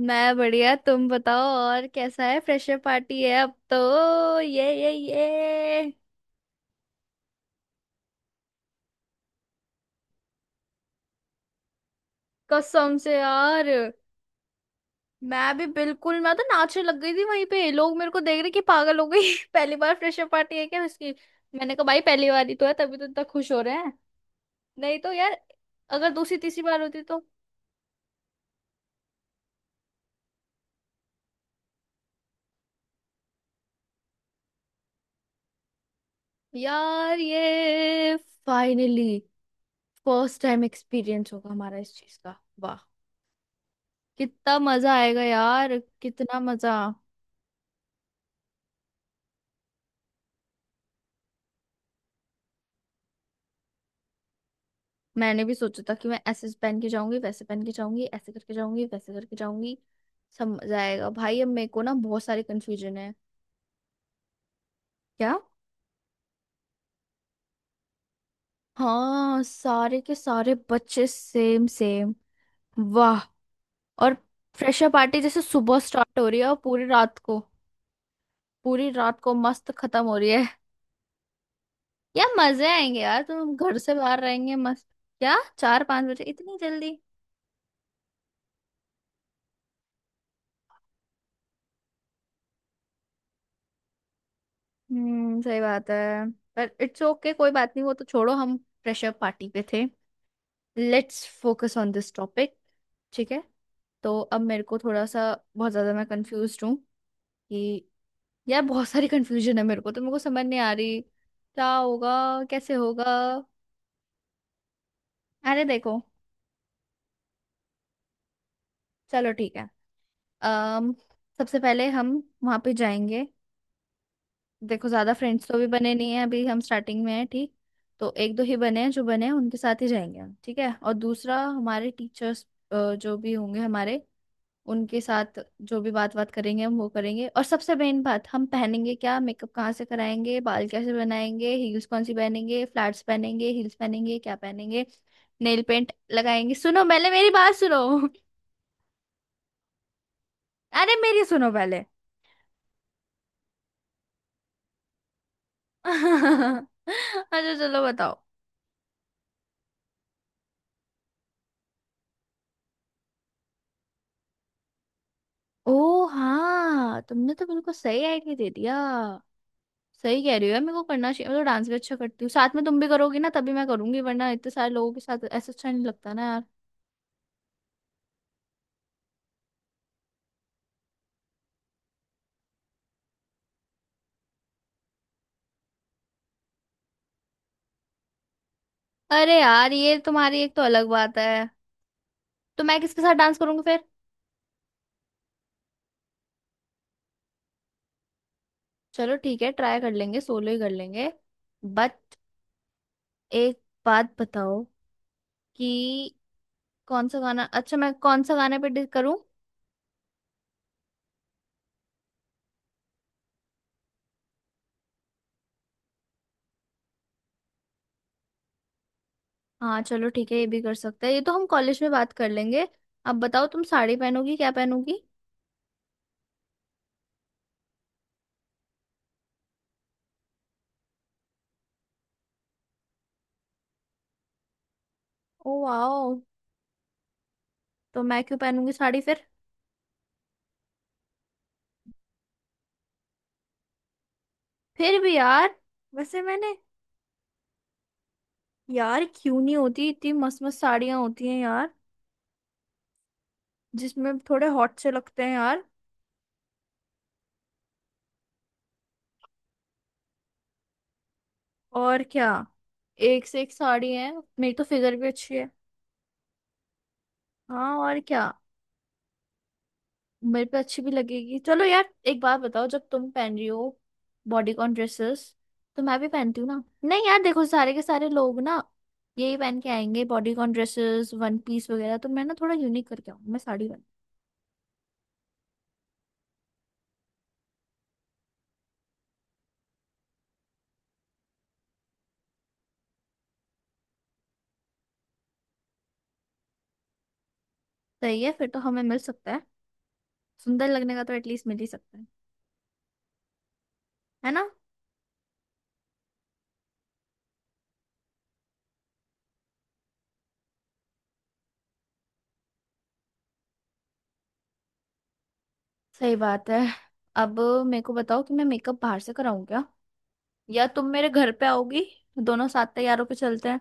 मैं बढ़िया। तुम बताओ और कैसा है? फ्रेशर पार्टी है अब तो ये। कसम से यार। मैं भी बिल्कुल, मैं तो नाचने लग गई थी वहीं पे। लोग मेरे को देख रहे कि पागल हो गई। पहली बार फ्रेशर पार्टी है क्या इसकी। मैंने कहा भाई पहली बार ही तो है, तभी तो इतना खुश हो रहे हैं। नहीं तो यार, अगर दूसरी तीसरी बार होती तो। यार ये, फाइनली फर्स्ट टाइम एक्सपीरियंस होगा हमारा इस चीज का। वाह, कितना मजा आएगा यार, कितना मजा। मैंने भी सोचा था कि मैं ऐसे पहन के जाऊंगी, वैसे पहन के जाऊंगी, ऐसे करके जाऊंगी, वैसे करके जाऊंगी। समझ आएगा भाई, अब मेरे को ना बहुत सारे कंफ्यूजन है। क्या? हाँ, सारे के सारे बच्चे सेम सेम। वाह। और फ्रेशर पार्टी जैसे सुबह स्टार्ट हो रही है और पूरी रात को, पूरी रात को मस्त खत्म हो रही है। यार मजे आएंगे यार, तुम घर से बाहर रहेंगे मस्त। क्या, चार पांच बजे? इतनी जल्दी? हम्म, सही बात है। पर इट्स ओके, कोई बात नहीं, वो तो छोड़ो। हम फ्रेशर पार्टी पे थे, let's focus on this topic. ठीक है। तो अब मेरे को थोड़ा सा, बहुत ज्यादा मैं कंफ्यूज हूँ कि, यार बहुत सारी कंफ्यूजन है मेरे को, तो मेरे को समझ नहीं आ रही क्या होगा, कैसे होगा। अरे देखो। चलो ठीक है। अम सबसे पहले हम वहां पे जाएंगे। देखो, ज्यादा फ्रेंड्स तो भी बने नहीं है अभी, हम स्टार्टिंग में हैं, ठीक? तो एक दो ही बने हैं, जो बने हैं उनके साथ ही जाएंगे हम, ठीक है। और दूसरा हमारे टीचर्स जो भी होंगे हमारे, उनके साथ जो भी बात बात करेंगे हम वो करेंगे। और सबसे मेन बात, हम पहनेंगे क्या, मेकअप कहाँ से कराएंगे, बाल कैसे बनाएंगे, हील्स कौन सी पहनेंगे, फ्लैट्स पहनेंगे, हील्स पहनेंगे, क्या पहनेंगे, नेल पेंट लगाएंगे। सुनो पहले मेरी बात सुनो। अरे मेरी सुनो पहले। अच्छा चलो बताओ। ओ हाँ, तुमने तो बिल्कुल सही आइडिया दे दिया। सही कह रही हो यार, मेरे को करना चाहिए। मैं तो डांस भी अच्छा करती हूँ। साथ में तुम भी करोगी ना, तभी मैं करूंगी, वरना इतने सारे लोगों के साथ ऐसा अच्छा नहीं लगता ना यार। अरे यार ये तुम्हारी एक तो अलग बात है, तो मैं किसके साथ डांस करूंगी फिर? चलो ठीक है, ट्राई कर लेंगे, सोलो ही कर लेंगे। बट एक बात बताओ कि कौन सा गाना अच्छा, मैं कौन सा करूं? हाँ चलो ठीक है, ये भी कर सकते हैं, ये तो हम कॉलेज में बात कर लेंगे। अब बताओ, तुम साड़ी पहनोगी क्या पहनोगी? Oh wow. तो मैं क्यों पहनूंगी साड़ी फिर? फिर भी यार, वैसे मैंने, यार क्यों नहीं? होती इतनी मस्त मस्त साड़ियां होती हैं यार, जिसमें थोड़े हॉट से लगते हैं यार। और क्या, एक से एक साड़ी है। मेरी तो फिगर भी अच्छी है। हाँ और क्या, मेरे पे अच्छी भी लगेगी। चलो यार, एक बात बताओ, जब तुम पहन रही हो बॉडीकॉन ड्रेसेस, तो मैं भी पहनती हूँ ना? नहीं यार, देखो सारे के सारे लोग ना यही पहन के आएंगे, बॉडीकॉन ड्रेसेस, वन पीस वगैरह। तो मैं ना थोड़ा यूनिक करके आऊँ, मैं साड़ी पहन। सही है, फिर तो हमें मिल सकता है। सुंदर लगने का तो एटलीस्ट मिल ही सकता है। है ना? सही बात है। अब मेरे को बताओ कि मैं मेकअप बाहर से कराऊँ क्या, या तुम मेरे घर पे आओगी, दोनों साथ तैयारों पे चलते हैं।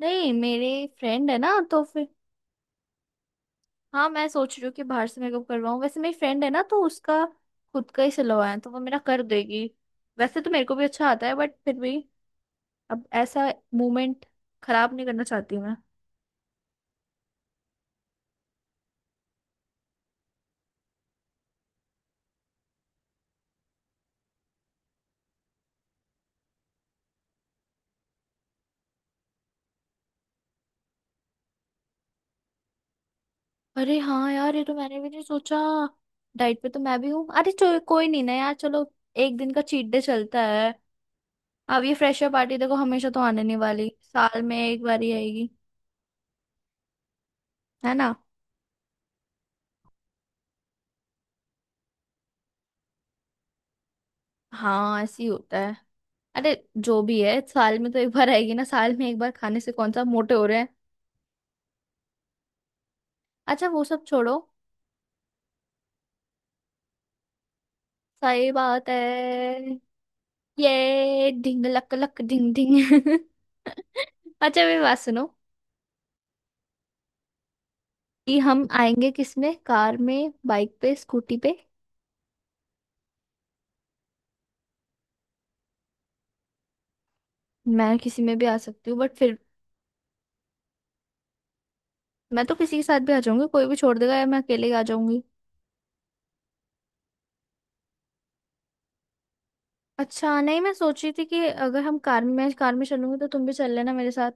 नहीं मेरे फ्रेंड है ना तो फिर। हाँ मैं सोच रही हूँ कि बाहर से मेकअप करवाऊँ। वैसे मेरी फ्रेंड है ना तो उसका खुद का ही सिलवाया है, तो वो मेरा कर देगी। वैसे तो मेरे को भी अच्छा आता है, बट फिर भी, अब ऐसा मोमेंट खराब नहीं करना चाहती मैं। अरे हाँ यार, ये तो मैंने भी नहीं सोचा। डाइट पे तो मैं भी हूँ। अरे चलो कोई नहीं ना यार, चलो एक दिन का चीट डे चलता है। अब ये फ्रेशर पार्टी देखो, हमेशा तो आने नहीं वाली, साल में एक बार ही आएगी, है ना। हाँ ऐसे ही होता है। अरे जो भी है, साल में तो एक बार आएगी ना, साल में एक बार खाने से कौन सा मोटे हो रहे हैं। अच्छा वो सब छोड़ो। सही बात है। ये ढिंग लक लक ढिंग ढिंग। अच्छा मेरी बात सुनो कि हम आएंगे किस में, कार में, बाइक पे, स्कूटी पे? मैं किसी में भी आ सकती हूँ बट फिर। मैं तो किसी के साथ भी आ जाऊंगी, कोई भी छोड़ देगा, या मैं अकेले ही आ जाऊंगी। अच्छा नहीं, मैं सोच रही थी कि अगर हम कार में, मैं कार में चलूंगी तो तुम भी चल लेना मेरे साथ।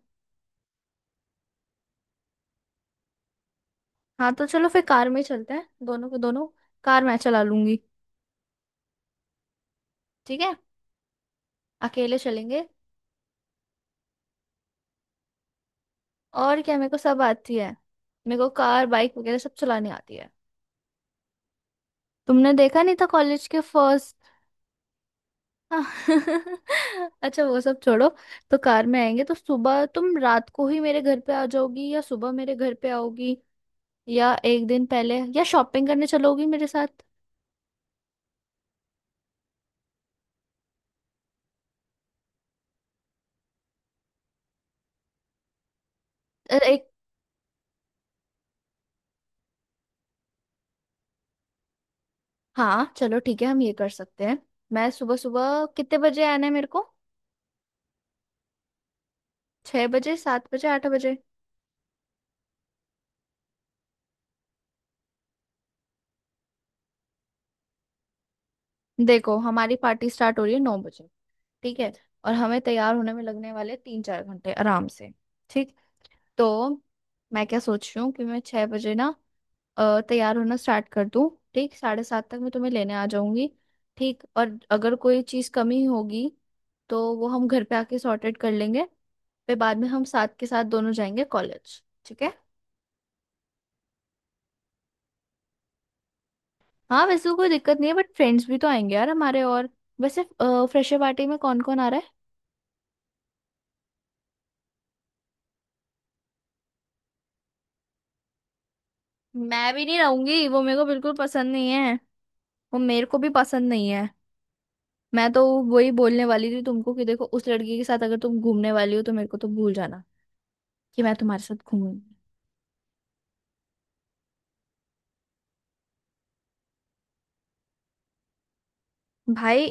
हाँ तो चलो, फिर कार में ही चलते हैं दोनों को दोनों, कार मैं चला लूंगी। ठीक है, अकेले चलेंगे। और क्या, मेरे को सब आती है। मेरे को कार बाइक वगैरह सब चलानी आती है। तुमने देखा नहीं था कॉलेज के फर्स्ट। अच्छा वो सब छोड़ो। तो कार में आएंगे, तो सुबह तुम रात को ही मेरे घर पे आ जाओगी, या सुबह मेरे घर पे आओगी, या एक दिन पहले, या शॉपिंग करने चलोगी मेरे साथ? एक, हाँ चलो ठीक है, हम ये कर सकते हैं। मैं सुबह सुबह कितने बजे आना है मेरे को, छह बजे, सात बजे, आठ बजे? देखो हमारी पार्टी स्टार्ट हो रही है नौ बजे, ठीक है? और हमें तैयार होने में लगने वाले तीन चार घंटे आराम से, ठीक? तो मैं क्या सोच रही हूँ कि मैं छह बजे ना, तैयार होना स्टार्ट कर दूँ, ठीक? साढ़े सात तक मैं तुम्हें लेने आ जाऊंगी, ठीक। और अगर कोई चीज़ कमी होगी तो वो हम घर पे आके सॉर्ट आउट कर लेंगे। फिर बाद में हम साथ के साथ दोनों जाएंगे कॉलेज, ठीक है? हाँ वैसे तो कोई दिक्कत नहीं है, बट फ्रेंड्स भी तो आएंगे यार हमारे। और वैसे फ्रेशर पार्टी में कौन कौन आ रहा है? मैं भी नहीं रहूंगी, वो मेरे को बिल्कुल पसंद नहीं है। वो मेरे को भी पसंद नहीं है। मैं तो वही बोलने वाली थी तुमको कि देखो उस लड़की के साथ अगर तुम घूमने वाली हो तो मेरे को तो भूल जाना कि मैं तुम्हारे साथ घूमूंगी। भाई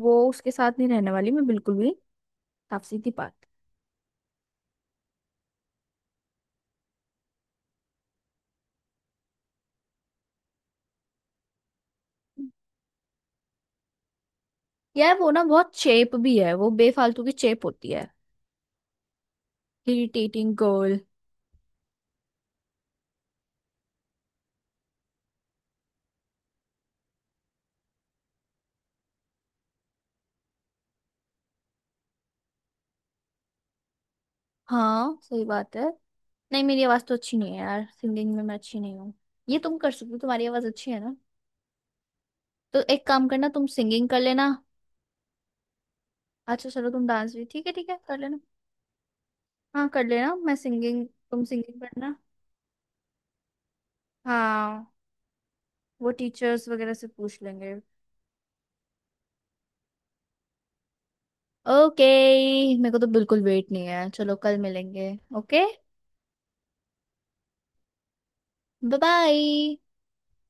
वो, उसके साथ नहीं रहने वाली मैं बिल्कुल भी। साफ सीधी बात। यार वो ना बहुत चेप भी है, वो बेफालतू की चेप होती है। Irritating girl. हाँ सही बात है। नहीं मेरी आवाज तो अच्छी नहीं है यार, सिंगिंग में मैं अच्छी नहीं हूँ। ये तुम कर सकते हो, तुम्हारी आवाज अच्छी है ना। तो एक काम करना, तुम सिंगिंग कर लेना। अच्छा चलो, तुम डांस भी ठीक है ठीक है, कर लेना। हाँ कर लेना, मैं सिंगिंग, तुम सिंगिंग करना। हाँ वो टीचर्स वगैरह से पूछ लेंगे। ओके, मेरे को तो बिल्कुल वेट नहीं है, चलो कल मिलेंगे। Okay, bye bye.